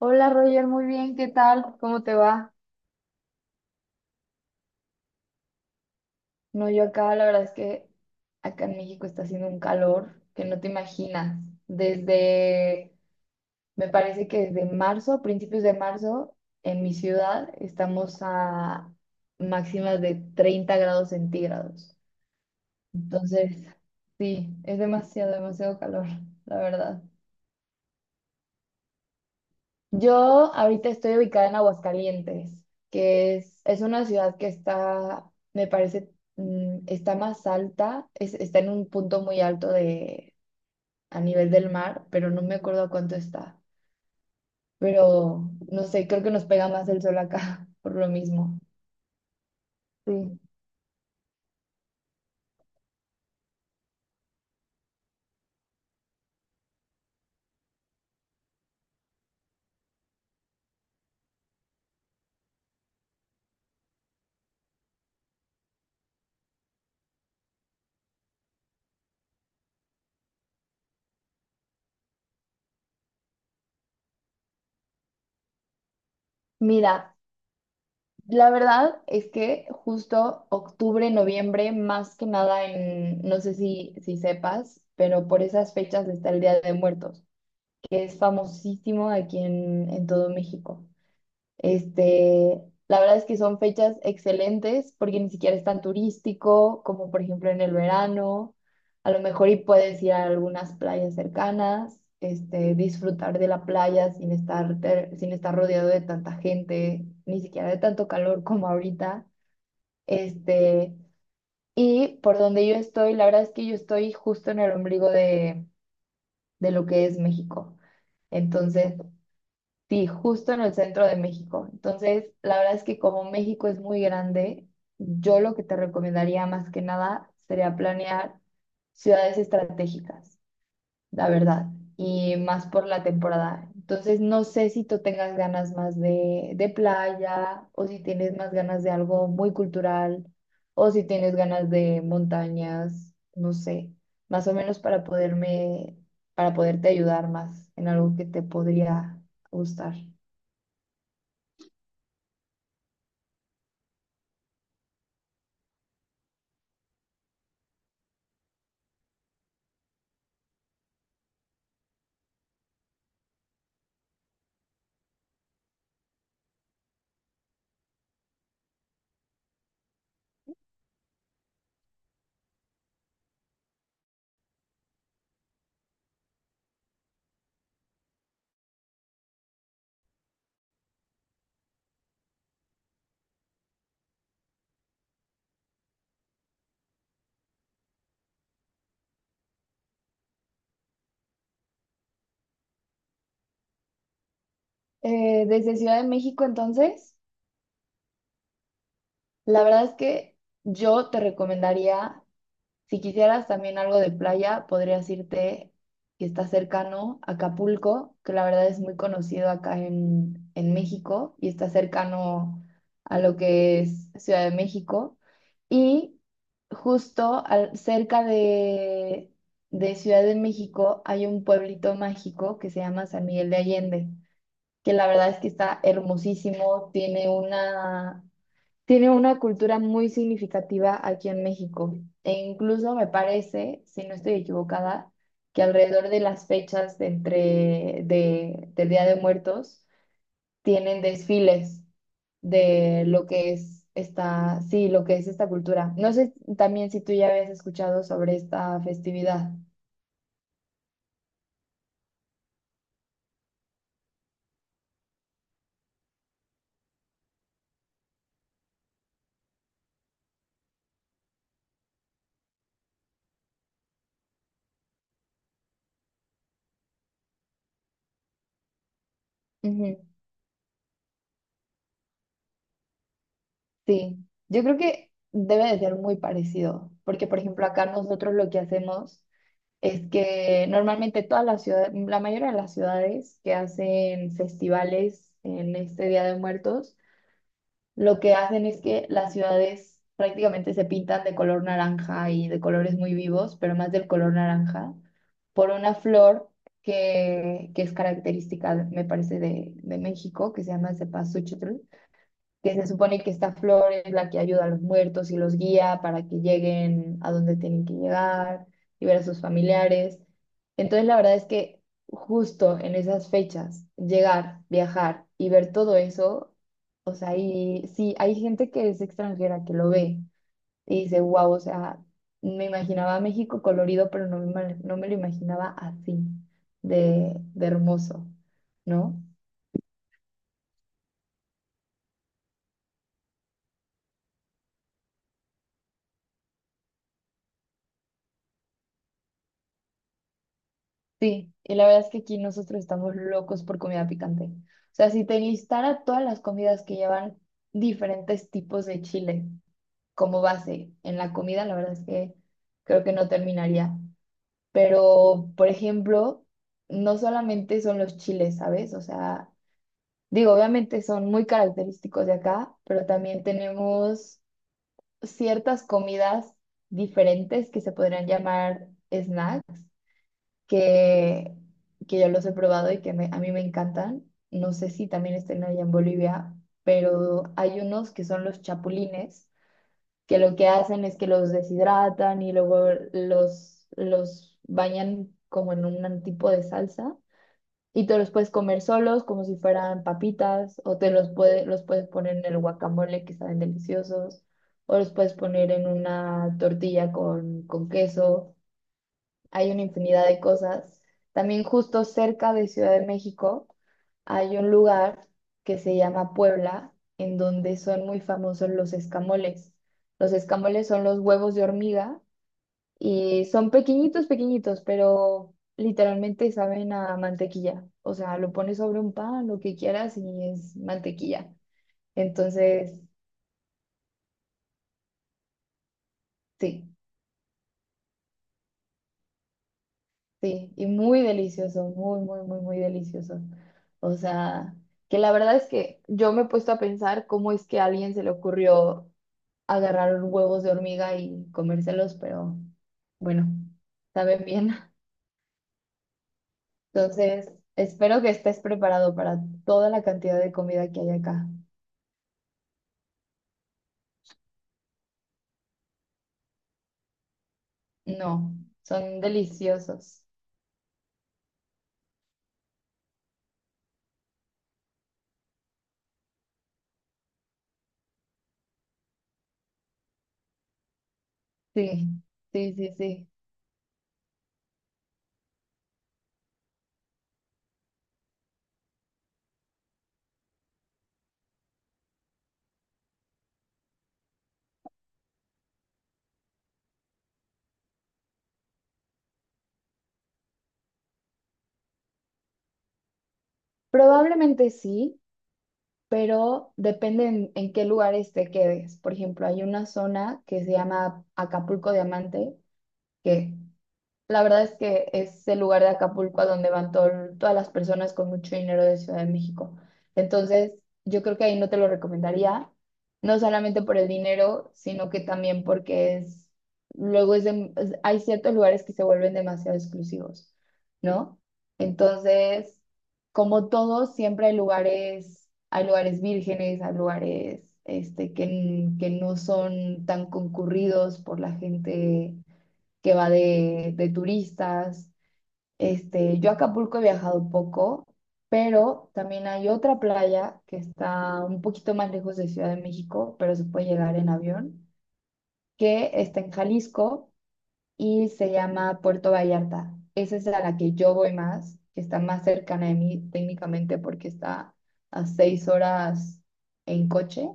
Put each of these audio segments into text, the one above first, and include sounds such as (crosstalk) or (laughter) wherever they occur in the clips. Hola Roger, muy bien, ¿qué tal? ¿Cómo te va? No, yo acá, la verdad es que acá en México está haciendo un calor que no te imaginas. Desde, Me parece que desde marzo, a principios de marzo, en mi ciudad estamos a máximas de 30 grados centígrados. Entonces, sí, es demasiado, demasiado calor, la verdad. Yo ahorita estoy ubicada en Aguascalientes, que es una ciudad que está, me parece, está más alta, está en un punto muy alto de, a nivel del mar, pero no me acuerdo a cuánto está. Pero no sé, creo que nos pega más el sol acá (laughs) por lo mismo. Sí. Mira, la verdad es que justo octubre, noviembre, más que nada en, no sé si sepas, pero por esas fechas está el Día de Muertos, que es famosísimo aquí en todo México. Este, la verdad es que son fechas excelentes porque ni siquiera es tan turístico como por ejemplo en el verano. A lo mejor y puedes ir a algunas playas cercanas, este, disfrutar de la playa sin estar rodeado de tanta gente, ni siquiera de tanto calor como ahorita. Este, y por donde yo estoy, la verdad es que yo estoy justo en el ombligo de lo que es México. Entonces, sí, justo en el centro de México. Entonces, la verdad es que como México es muy grande, yo lo que te recomendaría más que nada sería planear ciudades estratégicas, la verdad, y más por la temporada. Entonces, no sé si tú tengas ganas más de playa o si tienes más ganas de algo muy cultural o si tienes ganas de montañas, no sé, más o menos para poderte ayudar más en algo que te podría gustar. Desde Ciudad de México, entonces, la verdad es que yo te recomendaría, si quisieras también algo de playa, podrías irte, que está cercano, a Acapulco, que la verdad es muy conocido acá en México y está cercano a lo que es Ciudad de México. Y justo cerca de Ciudad de México hay un pueblito mágico que se llama San Miguel de Allende, que la verdad es que está hermosísimo, tiene una cultura muy significativa aquí en México. E incluso me parece, si no estoy equivocada, que alrededor de las fechas del Día de Muertos tienen desfiles de lo que es esta, sí, lo que es esta cultura. No sé también si tú ya habías escuchado sobre esta festividad. Ujú. Sí, yo creo que debe de ser muy parecido, porque por ejemplo acá nosotros lo que hacemos es que normalmente todas las ciudades, la mayoría de las ciudades que hacen festivales en este Día de Muertos, lo que hacen es que las ciudades prácticamente se pintan de color naranja y de colores muy vivos, pero más del color naranja, por una flor que es característica, me parece, de México, que se llama cempasúchil, que se supone que esta flor es la que ayuda a los muertos y los guía para que lleguen a donde tienen que llegar y ver a sus familiares. Entonces, la verdad es que justo en esas fechas, llegar, viajar y ver todo eso, o sea, y sí, hay gente que es extranjera que lo ve y dice, wow, o sea, me imaginaba México colorido, pero no me lo imaginaba así, de hermoso, ¿no? Sí, y la verdad es que aquí nosotros estamos locos por comida picante. O sea, si te listara todas las comidas que llevan diferentes tipos de chile como base en la comida, la verdad es que creo que no terminaría. Pero, por ejemplo, no solamente son los chiles, ¿sabes? O sea, digo, obviamente son muy característicos de acá, pero también tenemos ciertas comidas diferentes que se podrían llamar snacks que, que yo los he probado y que a mí me encantan. No sé si también estén allá en Bolivia, pero hay unos que son los chapulines, que lo que hacen es que los deshidratan y luego los bañan como en un tipo de salsa. Y te los puedes comer solos como si fueran papitas, o los puedes poner en el guacamole, que saben deliciosos, o los puedes poner en una tortilla con queso. Hay una infinidad de cosas. También justo cerca de Ciudad de México hay un lugar que se llama Puebla, en donde son muy famosos los escamoles. Los escamoles son los huevos de hormiga y son pequeñitos, pequeñitos, pero literalmente saben a mantequilla. O sea, lo pones sobre un pan, lo que quieras, y es mantequilla. Entonces, sí. Sí, y muy delicioso, muy, muy, muy, muy delicioso. O sea, que la verdad es que yo me he puesto a pensar cómo es que a alguien se le ocurrió agarrar huevos de hormiga y comérselos, pero bueno, saben bien. (laughs) Entonces, espero que estés preparado para toda la cantidad de comida que hay acá. No, son deliciosos. Sí, sí, sí, sí. Probablemente sí, pero depende en, qué lugares te quedes. Por ejemplo, hay una zona que se llama Acapulco Diamante, que la verdad es que es el lugar de Acapulco a donde van todas las personas con mucho dinero de Ciudad de México. Entonces, yo creo que ahí no te lo recomendaría, no solamente por el dinero, sino que también porque es, luego es hay ciertos lugares que se vuelven demasiado exclusivos, ¿no? Entonces, como todo, siempre hay lugares vírgenes, hay lugares este, que no son tan concurridos por la gente que va de turistas. Este, yo a Acapulco he viajado poco, pero también hay otra playa que está un poquito más lejos de Ciudad de México, pero se puede llegar en avión, que está en Jalisco y se llama Puerto Vallarta. Esa es a la que yo voy más, que está más cercana de mí técnicamente porque está a 6 horas en coche,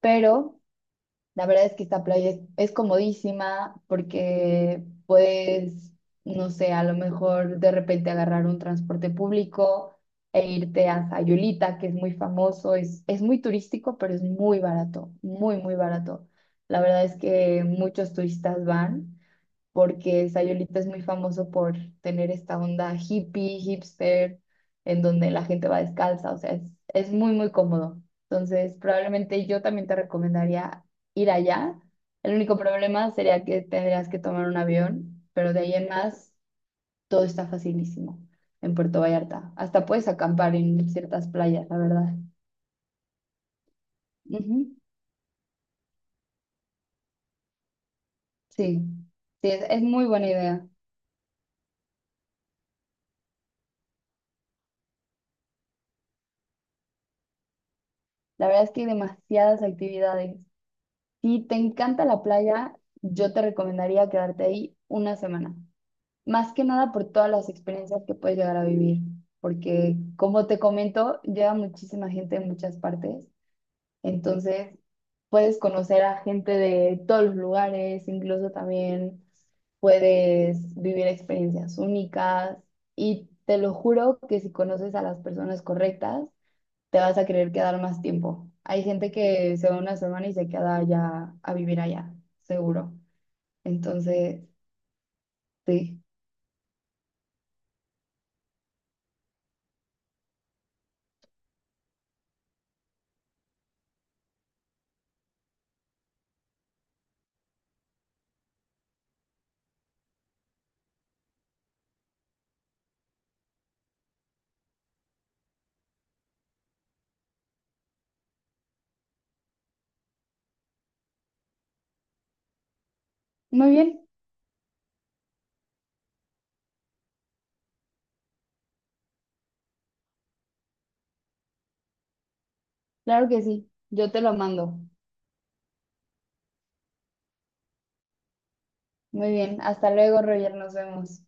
pero la verdad es que esta playa es comodísima porque puedes, no sé, a lo mejor de repente agarrar un transporte público e irte a Sayulita, que es muy famoso, es muy turístico, pero es muy barato, muy, muy barato. La verdad es que muchos turistas van porque Sayulita es muy famoso por tener esta onda hippie, hipster, en donde la gente va descalza, o sea, es muy, muy cómodo. Entonces, probablemente yo también te recomendaría ir allá. El único problema sería que tendrías que tomar un avión, pero de ahí en más, todo está facilísimo en Puerto Vallarta. Hasta puedes acampar en ciertas playas, la verdad. Ujú. Sí, sí, es muy buena idea. La verdad es que hay demasiadas actividades. Si te encanta la playa, yo te recomendaría quedarte ahí una semana. Más que nada por todas las experiencias que puedes llegar a vivir, porque como te comento, llega muchísima gente de muchas partes, entonces puedes conocer a gente de todos los lugares, incluso también puedes vivir experiencias únicas, y te lo juro que si conoces a las personas correctas, te vas a querer quedar más tiempo. Hay gente que se va una semana y se queda allá a vivir allá, seguro. Entonces, sí. Muy bien, claro que sí. Yo te lo mando. Muy bien, hasta luego, Roger, nos vemos.